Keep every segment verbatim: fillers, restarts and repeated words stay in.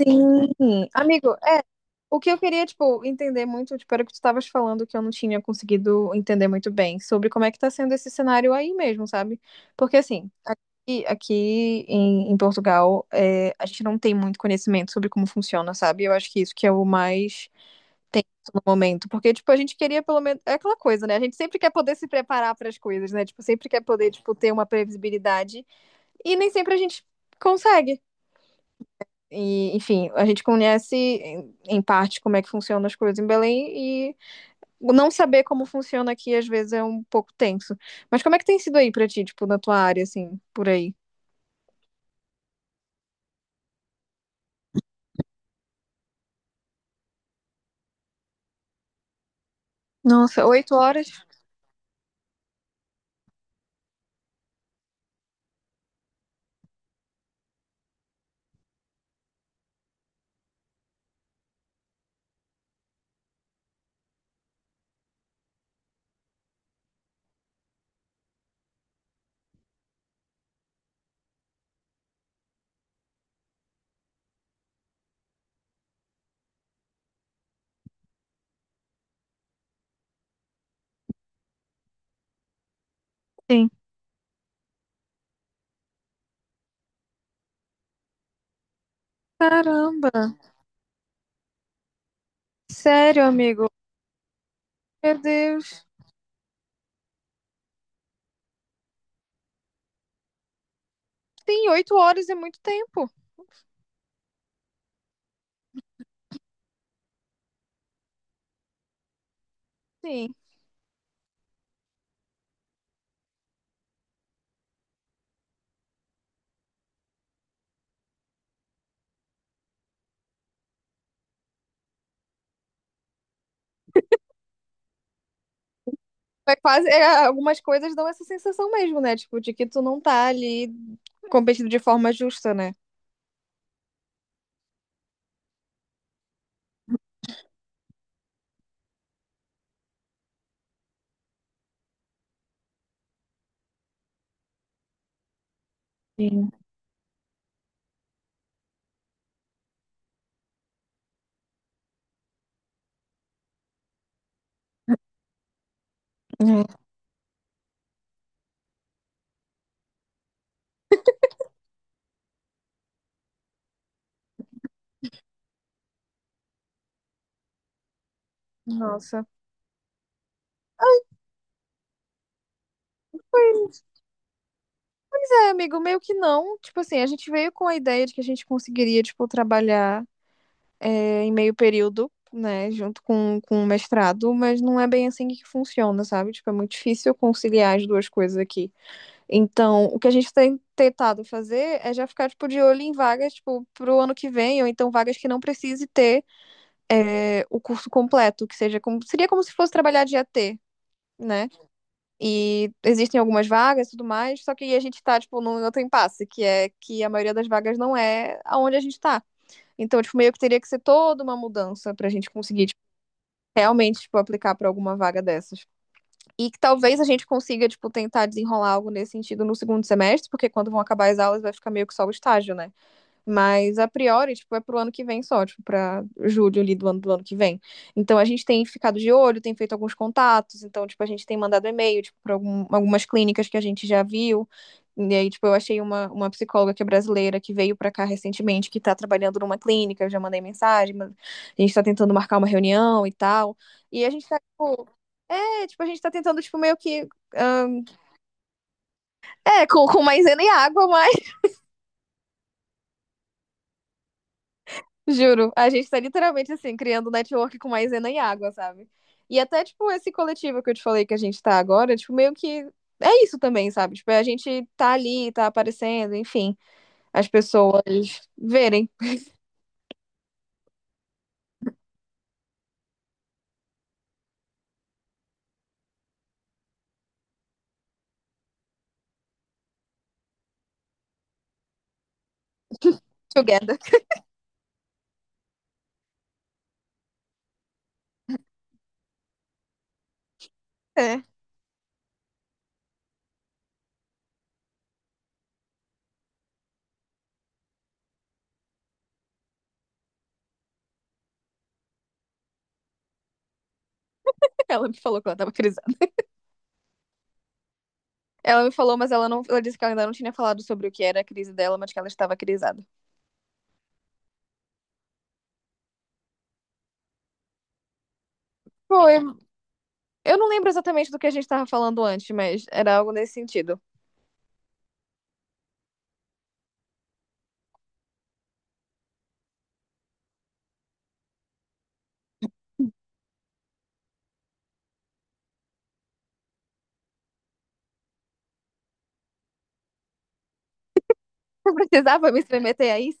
Sim, amigo, é. O que eu queria, tipo, entender muito, tipo, era o que tu estavas falando que eu não tinha conseguido entender muito bem sobre como é que tá sendo esse cenário aí mesmo, sabe? Porque, assim, aqui, aqui em, em Portugal, é, a gente não tem muito conhecimento sobre como funciona, sabe? Eu acho que isso que é o mais tenso no momento. Porque, tipo, a gente queria pelo menos. É aquela coisa, né? A gente sempre quer poder se preparar para as coisas, né? Tipo, sempre quer poder, tipo, ter uma previsibilidade. E nem sempre a gente consegue. E, enfim, a gente conhece em em parte como é que funcionam as coisas em Belém e não saber como funciona aqui às vezes é um pouco tenso. Mas como é que tem sido aí pra ti, tipo, na tua área, assim, por aí? Nossa, oito horas? Sim. Caramba! Sério, amigo? Meu Deus. Sim, oito horas é muito tempo. Sim. É quase, é, algumas coisas dão essa sensação mesmo, né? Tipo, de que tu não tá ali competindo de forma justa, né? Sim. É. Nossa. É, amigo, meio que não. Tipo assim, a gente veio com a ideia de que a gente conseguiria, tipo, trabalhar é, em meio período, né, junto com, com o mestrado, mas não é bem assim que funciona, sabe? Tipo, é muito difícil conciliar as duas coisas aqui. Então, o que a gente tem tentado fazer é já ficar, tipo, de olho em vagas, tipo, pro ano que vem, ou então vagas que não precise ter é, o curso completo, que seja como, seria como se fosse trabalhar de A T, né? E existem algumas vagas e tudo mais, só que a gente tá, tipo, num outro impasse, que é que a maioria das vagas não é aonde a gente tá. Então, tipo, meio que teria que ser toda uma mudança pra gente conseguir, tipo, realmente, tipo, aplicar pra alguma vaga dessas. E que talvez a gente consiga, tipo, tentar desenrolar algo nesse sentido no segundo semestre, porque quando vão acabar as aulas vai ficar meio que só o estágio, né? Mas a priori, tipo, é pro ano que vem só, tipo, pra julho ali do ano do ano que vem. Então a gente tem ficado de olho, tem feito alguns contatos, então, tipo, a gente tem mandado e-mail, tipo, pra algum- algumas clínicas que a gente já viu. E aí, tipo, eu achei uma, uma psicóloga que é brasileira, que veio pra cá recentemente, que tá trabalhando numa clínica, eu já mandei mensagem, mas a gente tá tentando marcar uma reunião e tal. E a gente tá, tipo, é, tipo, a gente tá tentando, tipo, meio que. ahn, é, com, com maisena e água, mas. Juro, a gente tá literalmente assim, criando um network com maisena e água, sabe? E até, tipo, esse coletivo que eu te falei que a gente tá agora, tipo, meio que é isso também, sabe? Tipo, é a gente tá ali, tá aparecendo, enfim, as pessoas verem. Together. É. Ela me falou que ela tava crisada. Ela me falou, mas ela não. Ela disse que ela ainda não tinha falado sobre o que era a crise dela, mas que ela estava crisada. Foi. Eu não lembro exatamente do que a gente tava falando antes, mas era algo nesse sentido. Eu precisava me submeter a isso?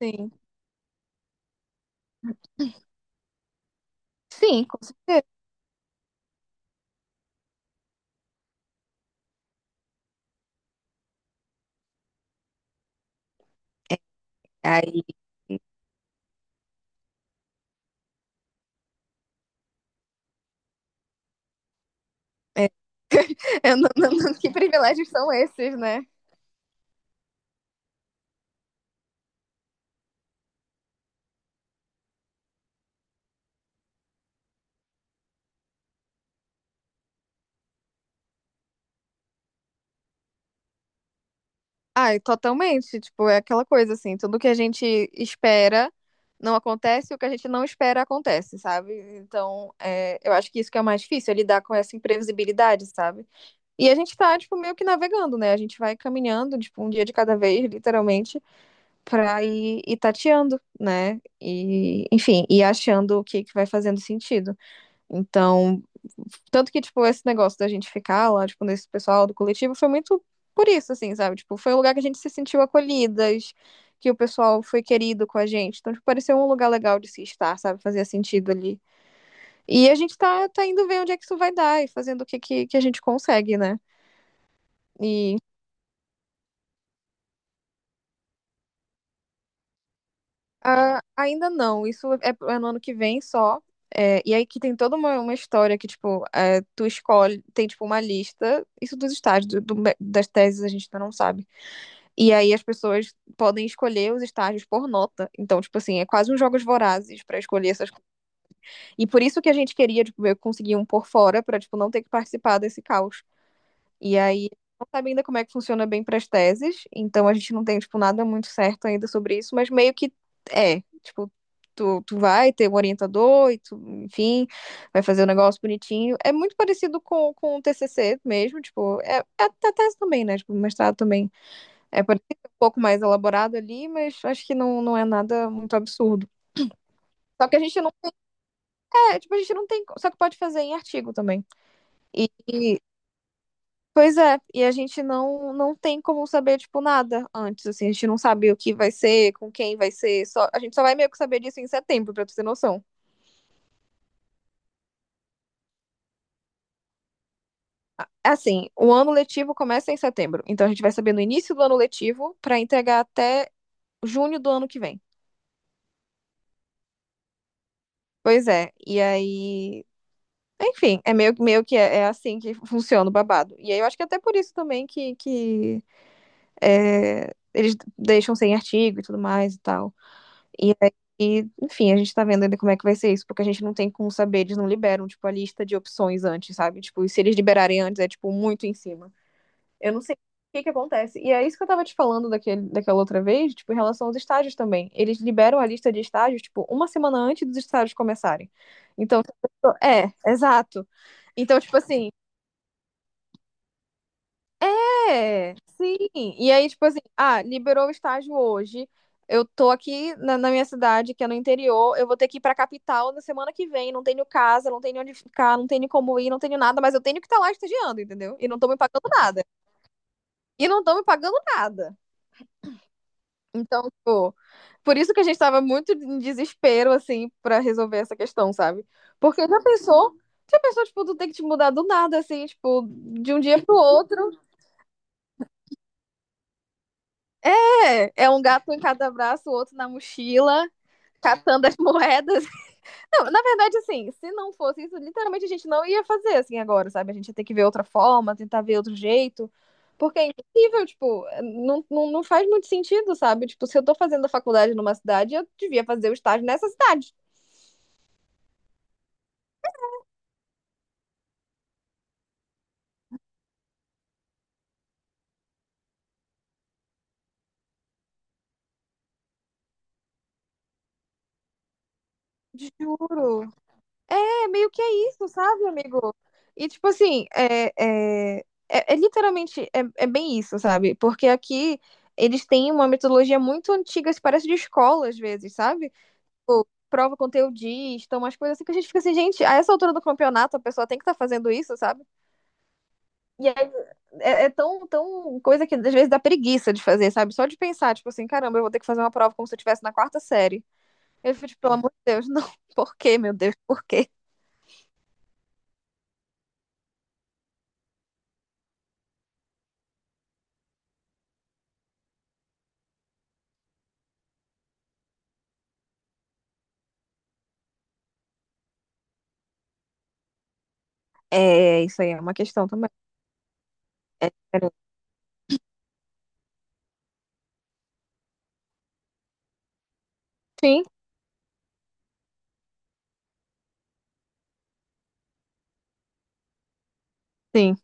Sim. Sim, com certeza. Ai, eu não- não- não- que privilégios são esses, né? Ai, totalmente. Tipo, é aquela coisa assim, tudo que a gente espera não acontece, e o que a gente não espera acontece, sabe? Então, é, eu acho que isso que é o mais difícil, é lidar com essa imprevisibilidade, sabe? E a gente tá, tipo, meio que navegando, né? A gente vai caminhando, tipo, um dia de cada vez, literalmente, pra ir, ir tateando, né? E, enfim, e achando o que que vai fazendo sentido. Então, tanto que, tipo, esse negócio da gente ficar lá, tipo, nesse pessoal do coletivo foi muito por isso, assim, sabe? Tipo, foi um lugar que a gente se sentiu acolhidas, que o pessoal foi querido com a gente. Então, tipo, pareceu um lugar legal de se estar, sabe? Fazia sentido ali. E a gente tá, tá indo ver onde é que isso vai dar e fazendo o que, que, que a gente consegue, né? E ah, ainda não, isso é, é no ano que vem só. É, e aí que tem toda uma, uma história que, tipo, é, tu escolhe, tem, tipo, uma lista, isso dos estágios, do- do- das teses a gente ainda não sabe. E aí as pessoas podem escolher os estágios por nota. Então, tipo assim, é quase uns jogos vorazes para escolher essas coisas. E por isso que a gente queria, tipo, eu conseguir um por fora para tipo não ter que participar desse caos. E aí não sabe ainda como é que funciona bem para as teses, então a gente não tem tipo nada muito certo ainda sobre isso, mas meio que é, tipo, tu, tu vai ter um orientador e tu, enfim, vai fazer o um negócio bonitinho. É muito parecido com, com o T C C mesmo, tipo, é, é a tese também, né? Tipo, o mestrado também é por isso que é um pouco mais elaborado ali, mas acho que não, não é nada muito absurdo. Só que a gente não é, tipo, a gente não tem, só que pode fazer em artigo também. E pois é, e a gente não não tem como saber tipo nada antes, assim, a gente não sabe o que vai ser, com quem vai ser, só a gente só vai meio que saber disso em setembro, pra tu ter noção. Assim, o ano letivo começa em setembro, então a gente vai saber no início do ano letivo pra entregar até junho do ano que vem. Pois é, e aí enfim, é meio, meio que é, é assim que funciona o babado. E aí eu acho que é até por isso também que, que é, eles deixam sem artigo e tudo mais e tal. E aí, enfim, a gente tá vendo ainda como é que vai ser isso, porque a gente não tem como saber, eles não liberam, tipo, a lista de opções antes, sabe? Tipo, e se eles liberarem antes, é, tipo, muito em cima. Eu não sei o que que acontece. E é isso que eu tava te falando daquele, daquela outra vez, tipo, em relação aos estágios também. Eles liberam a lista de estágios, tipo, uma semana antes dos estágios começarem. Então, tipo, é, exato. Então, tipo assim, é, sim. E aí, tipo assim, ah, liberou o estágio hoje. Eu tô aqui na, na minha cidade, que é no interior. Eu vou ter que ir pra capital na semana que vem. Não tenho casa, não tenho onde ficar, não tenho como ir, não tenho nada, mas eu tenho que estar lá estagiando, entendeu? E não tô me pagando nada. E não tô me pagando nada. Então, tipo, por isso que a gente tava muito em desespero, assim, pra resolver essa questão, sabe? Porque já pensou, já pensou, tipo, tu tem que te mudar do nada, assim, tipo, de um dia pro outro. É, é um gato em cada braço, o outro na mochila, catando as moedas. Não, na verdade, assim, se não fosse isso, literalmente a gente não ia fazer assim agora, sabe? A gente ia ter que ver outra forma, tentar ver outro jeito. Porque é impossível, tipo, eh, não, não, não faz muito sentido, sabe? Tipo, se eu tô fazendo a faculdade numa cidade, eu devia fazer o estágio nessa cidade. Juro. É meio que é isso, sabe, amigo? E, tipo, assim, é, é, é, é literalmente, é, é bem isso, sabe? Porque aqui eles têm uma metodologia muito antiga, se parece de escola às vezes, sabe? Tipo, prova conteudista, umas coisas assim que a gente fica assim, gente, a essa altura do campeonato a pessoa tem que estar fazendo isso, sabe? E aí é, é tão, tão coisa que às vezes dá preguiça de fazer, sabe? Só de pensar, tipo assim, caramba, eu vou ter que fazer uma prova como se eu estivesse na quarta série. Eu fico, tipo, pelo amor de Deus, não. Por quê, meu Deus, por quê? É, isso aí é uma questão também. É diferente. Sim, sim.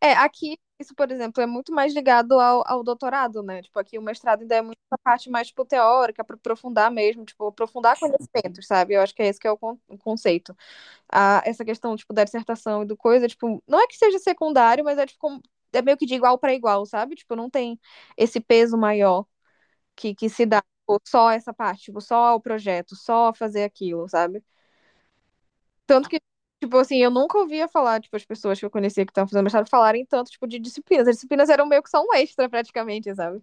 É, aqui, isso, por exemplo, é muito mais ligado ao, ao doutorado, né? Tipo, aqui o mestrado ainda é muito a parte mais, tipo, teórica, para aprofundar mesmo, tipo, aprofundar conhecimentos, sabe? Eu acho que é esse que é o, con- o conceito. Ah, essa questão, tipo, da dissertação e do coisa, tipo, não é que seja secundário, mas é, tipo, como- é meio que de igual para igual, sabe? Tipo, não tem esse peso maior que, que se dá, tipo, só essa parte, tipo, só o projeto, só fazer aquilo, sabe? Tanto que, tipo assim, eu nunca ouvia falar, tipo, as pessoas que eu conhecia que estavam fazendo mestrado falarem tanto, tipo, de disciplinas. As disciplinas eram meio que só um extra, praticamente, sabe?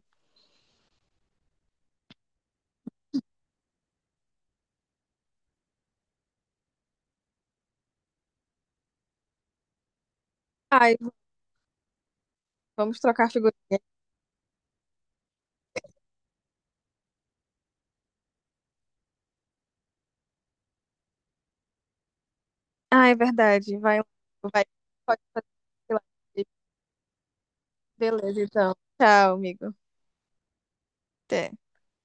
Ai, vamos trocar figurinha. Ah, é verdade. Vai, vai. Pode fazer. Beleza, então. Tchau, amigo. Até.